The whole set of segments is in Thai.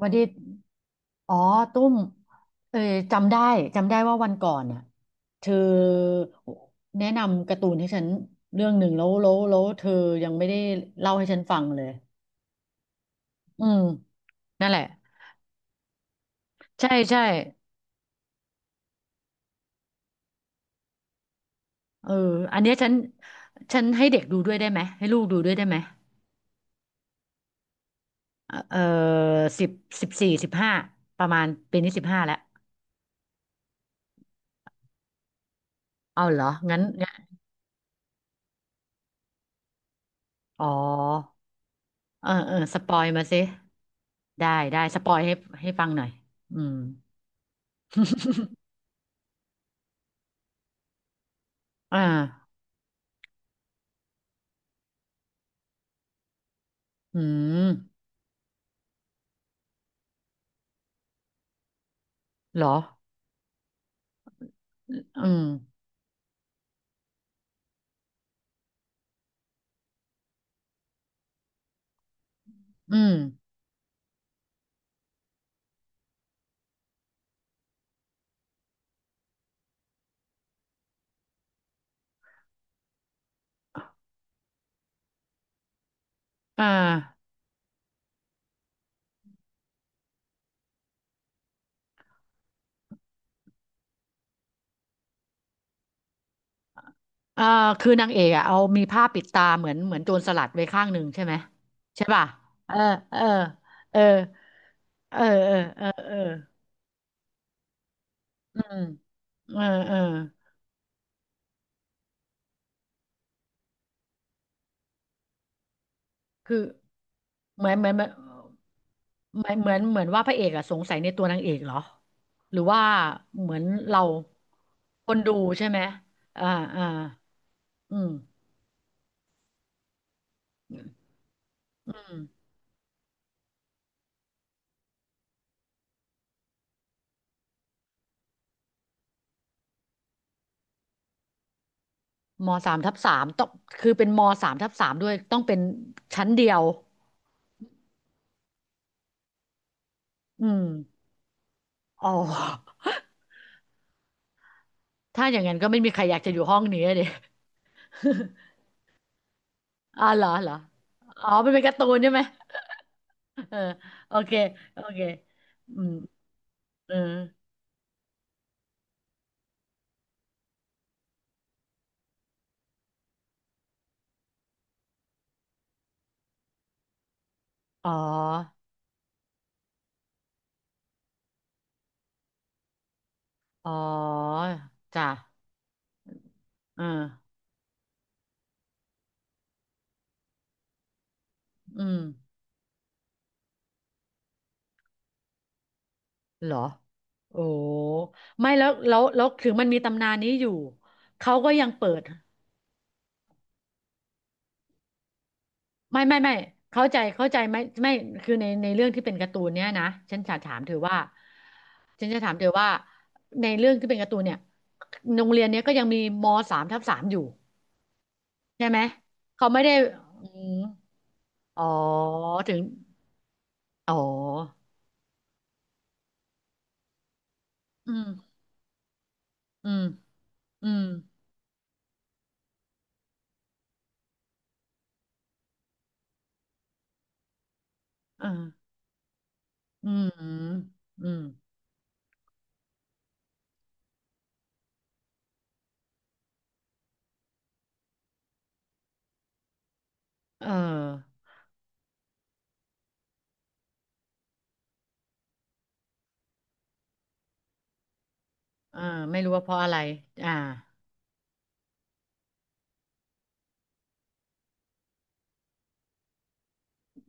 วันที่อ๋อตุ้มเออจำได้จำได้ว่าวันก่อนน่ะเธอแนะนำการ์ตูนให้ฉันเรื่องหนึ่งแล้วเธอยังไม่ได้เล่าให้ฉันฟังเลยอืมนั่นแหละใช่ใช่เอออันเนี้ยฉันให้เด็กดูด้วยได้ไหมให้ลูกดูด้วยได้ไหมเออเออสิบสิบสี่สิบห้าประมาณปีนี้สิบห้าแล้วเอาเหรองั้นงั้นอ๋อเออเออสปอยมาสิได้ได้สปอยให้ให้ฟังหน่อยอืม อ่าอืมเหรออืมอืมอ่าอ่าคือนางเอกอ่ะเอามีผ้าปิดตาเหมือนโจรสลัดไว้ข้างหนึ่งใช่ไหมใช่ป่ะเออเออเออเออเออเออเอออืมเออเออคือเหมือนเหมือนเหมือนเหมือนเหมือนเหมือนว่าพระเอกอ่ะสงสัยในตัวนางเอกเหรอหรือว่าเหมือนเราคนดูใช่ไหมอ่าอ่าอืมอืม มสามทับสามต้องคือเป็นมสามทับสามด้วยต้องเป็นชั้นเดียวอืมอ๋อถ้าอย่างนั้นก็ไม่มีใครอยากจะอยู่ห้องนี้เลย อ๋อเหรอเหรออ๋อมันเป็นการ์ตูนใช่ไหม เออโอเคโอเคอืมเอออ๋ออ๋อจ้ะเอออืมเหรอโอ้ไม่แล้วถึงมันมีตำนานนี้อยู่เขาก็ยังเปิด ไม่เข้าใจเข้าใจไหมไม่คือในเรื่องที่เป็นการ์ตูนเนี้ยนะฉันจะถามเธอว่าฉันจะถามเธอว่าในเรื่องที่เป็นการ์ตูนเนี่ยโรงเรียนเนี้ยก็ยังมีมสามทับสามอยู่ใช่ไหมเขาไม่ได้อืมอ๋อถึงอ๋ออืมอืมอืมเอออืมอืมเออเออไม่รู้ว่าเพราะอะไรอ่า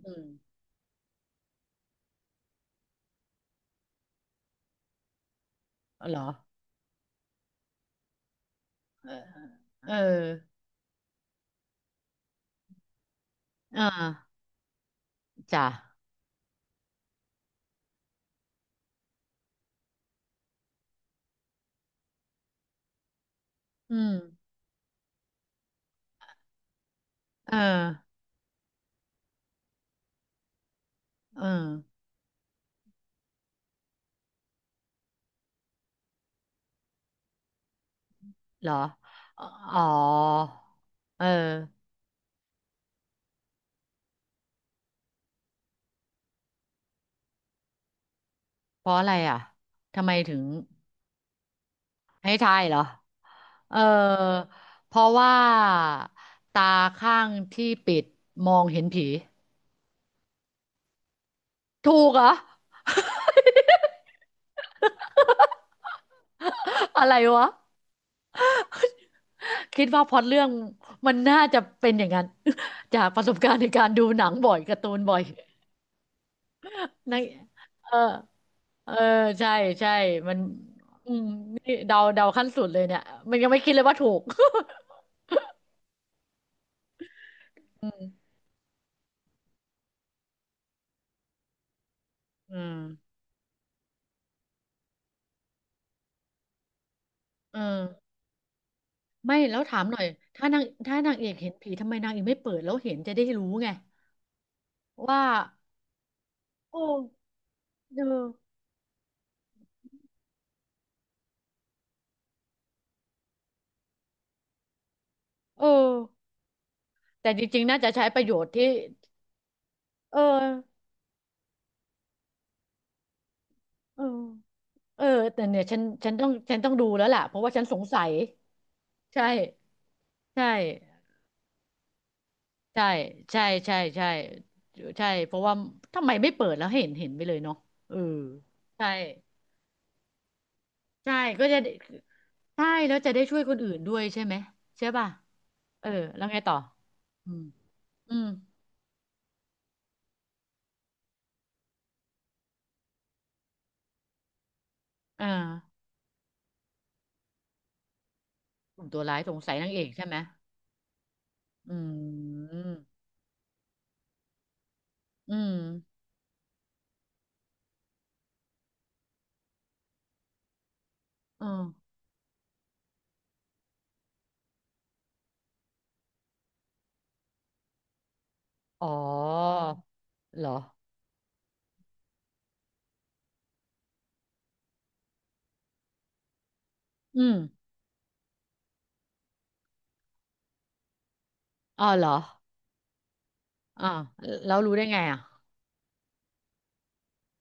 อืมเหรอเออเอออ่าจ้ะอืมเออ เออเหรออ๋ออ๋อเออเพราะอะไรอ่ะทำไมถึงให้ทายเหรอ เออเพราะว่าตาข้างที่ปิดมองเห็นผี ถูกเหรอ อะไรวะ คิดว่าพล็อตเรื่องมันน่าจะเป็นอย่างนั้น จากประสบการณ์ในการดูหนังบ่อยการ์ตูนบ่อยในเออเออใช่ใช่มัน อืมนี่เดาเดาขั้นสุดเลยเนี่ย มันยังไม่คิดเลยว่าถูก อืม อืมเออไม่แล้วถามหน่อย ถ้านางเอกเห็นผี ทำไมนางเอกไม่เปิด แล้วเห็นจะได้รู้ไงว่าโอ้เออเออแต่จริงๆ น่าจะใช้ประโยชน์ที่เออเออเออแต่เนี่ยฉันต้องดูแล้วล่ะเพราะว่าฉันสงสัยใช่ใช่ใช่ใช่ใช่ใช่ใช่เพราะว่า ทำไมไม่เปิด แล้วให้เห็นไปเลยเนาะเออใช่ใช่ก็จะได้ใช่ แล้วจะได้ช่วยคนอื่นด้วยใช่ไหมใช่ป่ะ เออแล้วไงต่ออืมอืมอ่ากลุ่มตัวร้ายสงสัยนางเอกใช่ไหมอืมอืมอืมอ๋อเหรออืมอ๋อเหรออ่าแล้วรู้ได้ไงอ่ะ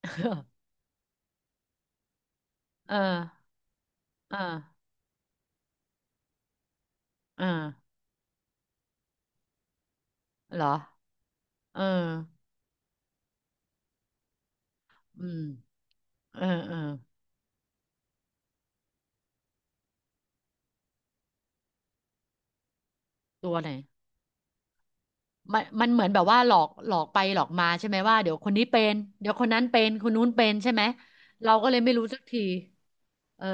เออเออเออเหรอเอออืมเออเออตัวไหนมันมันเหมือนแบบว่าหลอกหลอกไปหลอกมาใช่ไหมว่าเดี๋ยวคนนี้เป็นเดี๋ยวคนนั้นเป็นคนนู้นเป็นใช่ไหมเราก็เลยไม่รู้สักทีเออ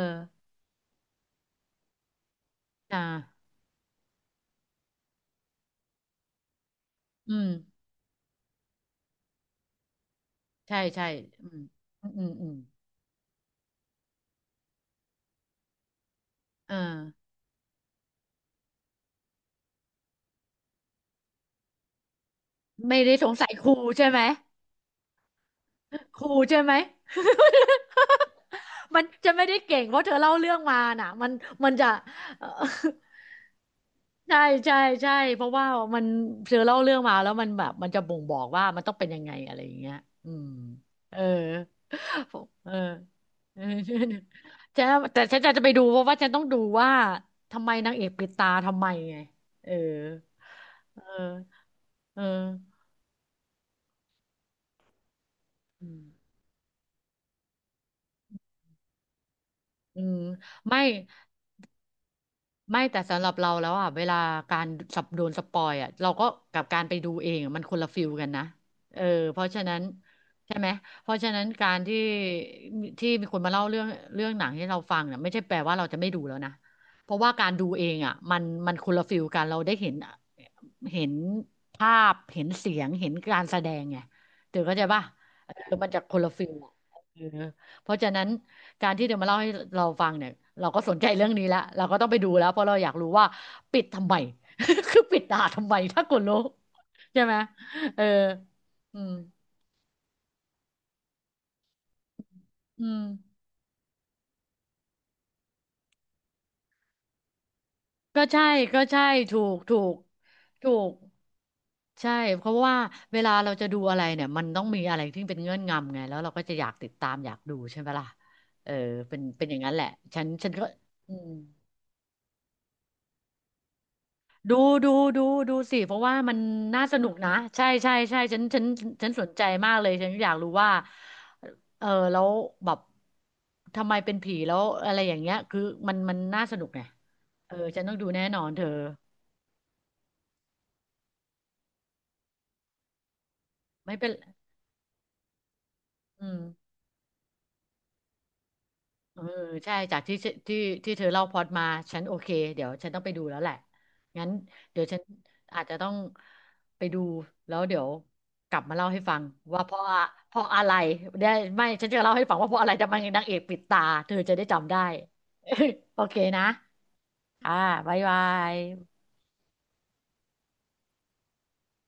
อ่าอืม ใช่ใช่อืมอืมอืมอืมเออไม่ได้สงสัยครูใช่ไหมครูใช่ไหม มันจะไม่ได้เก่งเพราะเธอเล่าเรื่องมาน่ะมันมันจะ เอ่อใช่ใช่ใช่เพราะว่ามันเธอเล่าเรื่องมาแล้วมันแบบมันจะบ่งบอกว่ามันต้องเป็นยังไงอะไรอย่างเงี้ยอืมเออ เออ เออฉันแต่ฉันจะไปดูเพราะว่าฉันต้องดูว่าทำไมนางเอกปิดตาทำไมไงเออเออเออ อืมอืมไม่ไม่แต่สำหรับเราแล้วอ่ะเวลาการสับโดนสปอยอ่ะเราก็กับการไปดูเองอะมันคนละฟิลกันนะเออเพราะฉะนั้นใช่ไหมเพราะฉะนั้นการที่ที่มีคนมาเล่าเรื่องเรื่องหนังให้เราฟังเนี่ยไม่ใช่แปลว่าเราจะไม่ดูแล้วนะเพราะว่าการดูเองอ่ะมันมันคนละฟิลกันเราได้เห็นเห็นภาพเห็นเสียงเห็นการแสดงไงเดี๋ยวเข้าใจป่ะเออมันจะคนละฟิลอะเออเพราะฉะนั้น การที่เธอมาเล่าให้เราฟังเนี่ยเราก็สนใจเรื่องนี้แล้วเราก็ต้องไปดูแล้วเพราะเราอยากรู้ว่าปิดทำไม คือปิดด่าทำไมถ้าคนรู้ใช่ไหมเอออืมอืมก็ใช่ก็ใช่ถูกถูกถูกใช่เพราะว่าเวลาเราจะดูอะไรเนี่ยมันต้องมีอะไรที่เป็นเงื่อนงำไงแล้วเราก็จะอยากติดตามอยากดูใช่ไหมล่ะเออเป็นเป็นอย่างนั้นแหละฉันฉันก็อืม ดูดูดูดูสิเพราะว่ามันน่าสนุกนะใช่ใช่ใช่ฉันฉันสนใจมากเลยฉันอยากรู้ว่าเออแล้วแบบทำไมเป็นผีแล้วอะไรอย่างเงี้ยคือมันมันน่าสนุกไงเออฉันต้องดูแน่นอนเธอไม่เป็นอืม เออใช่จากที่ที่ที่เธอเล่าพล็อตมาฉันโอเคเดี๋ยวฉันต้องไปดูแล้วแหละงั้นเดี๋ยวฉันอาจจะต้องไปดูแล้วเดี๋ยวกลับมาเล่าให้ฟังว่าเพราะอะไรได้ไม่ฉันจะเล่าให้ฟังว่าเพราะอะไรทำไมนางเอกปิดตาเธอจะได้จำได้ โอเคนะอ่าบ๊ายบาย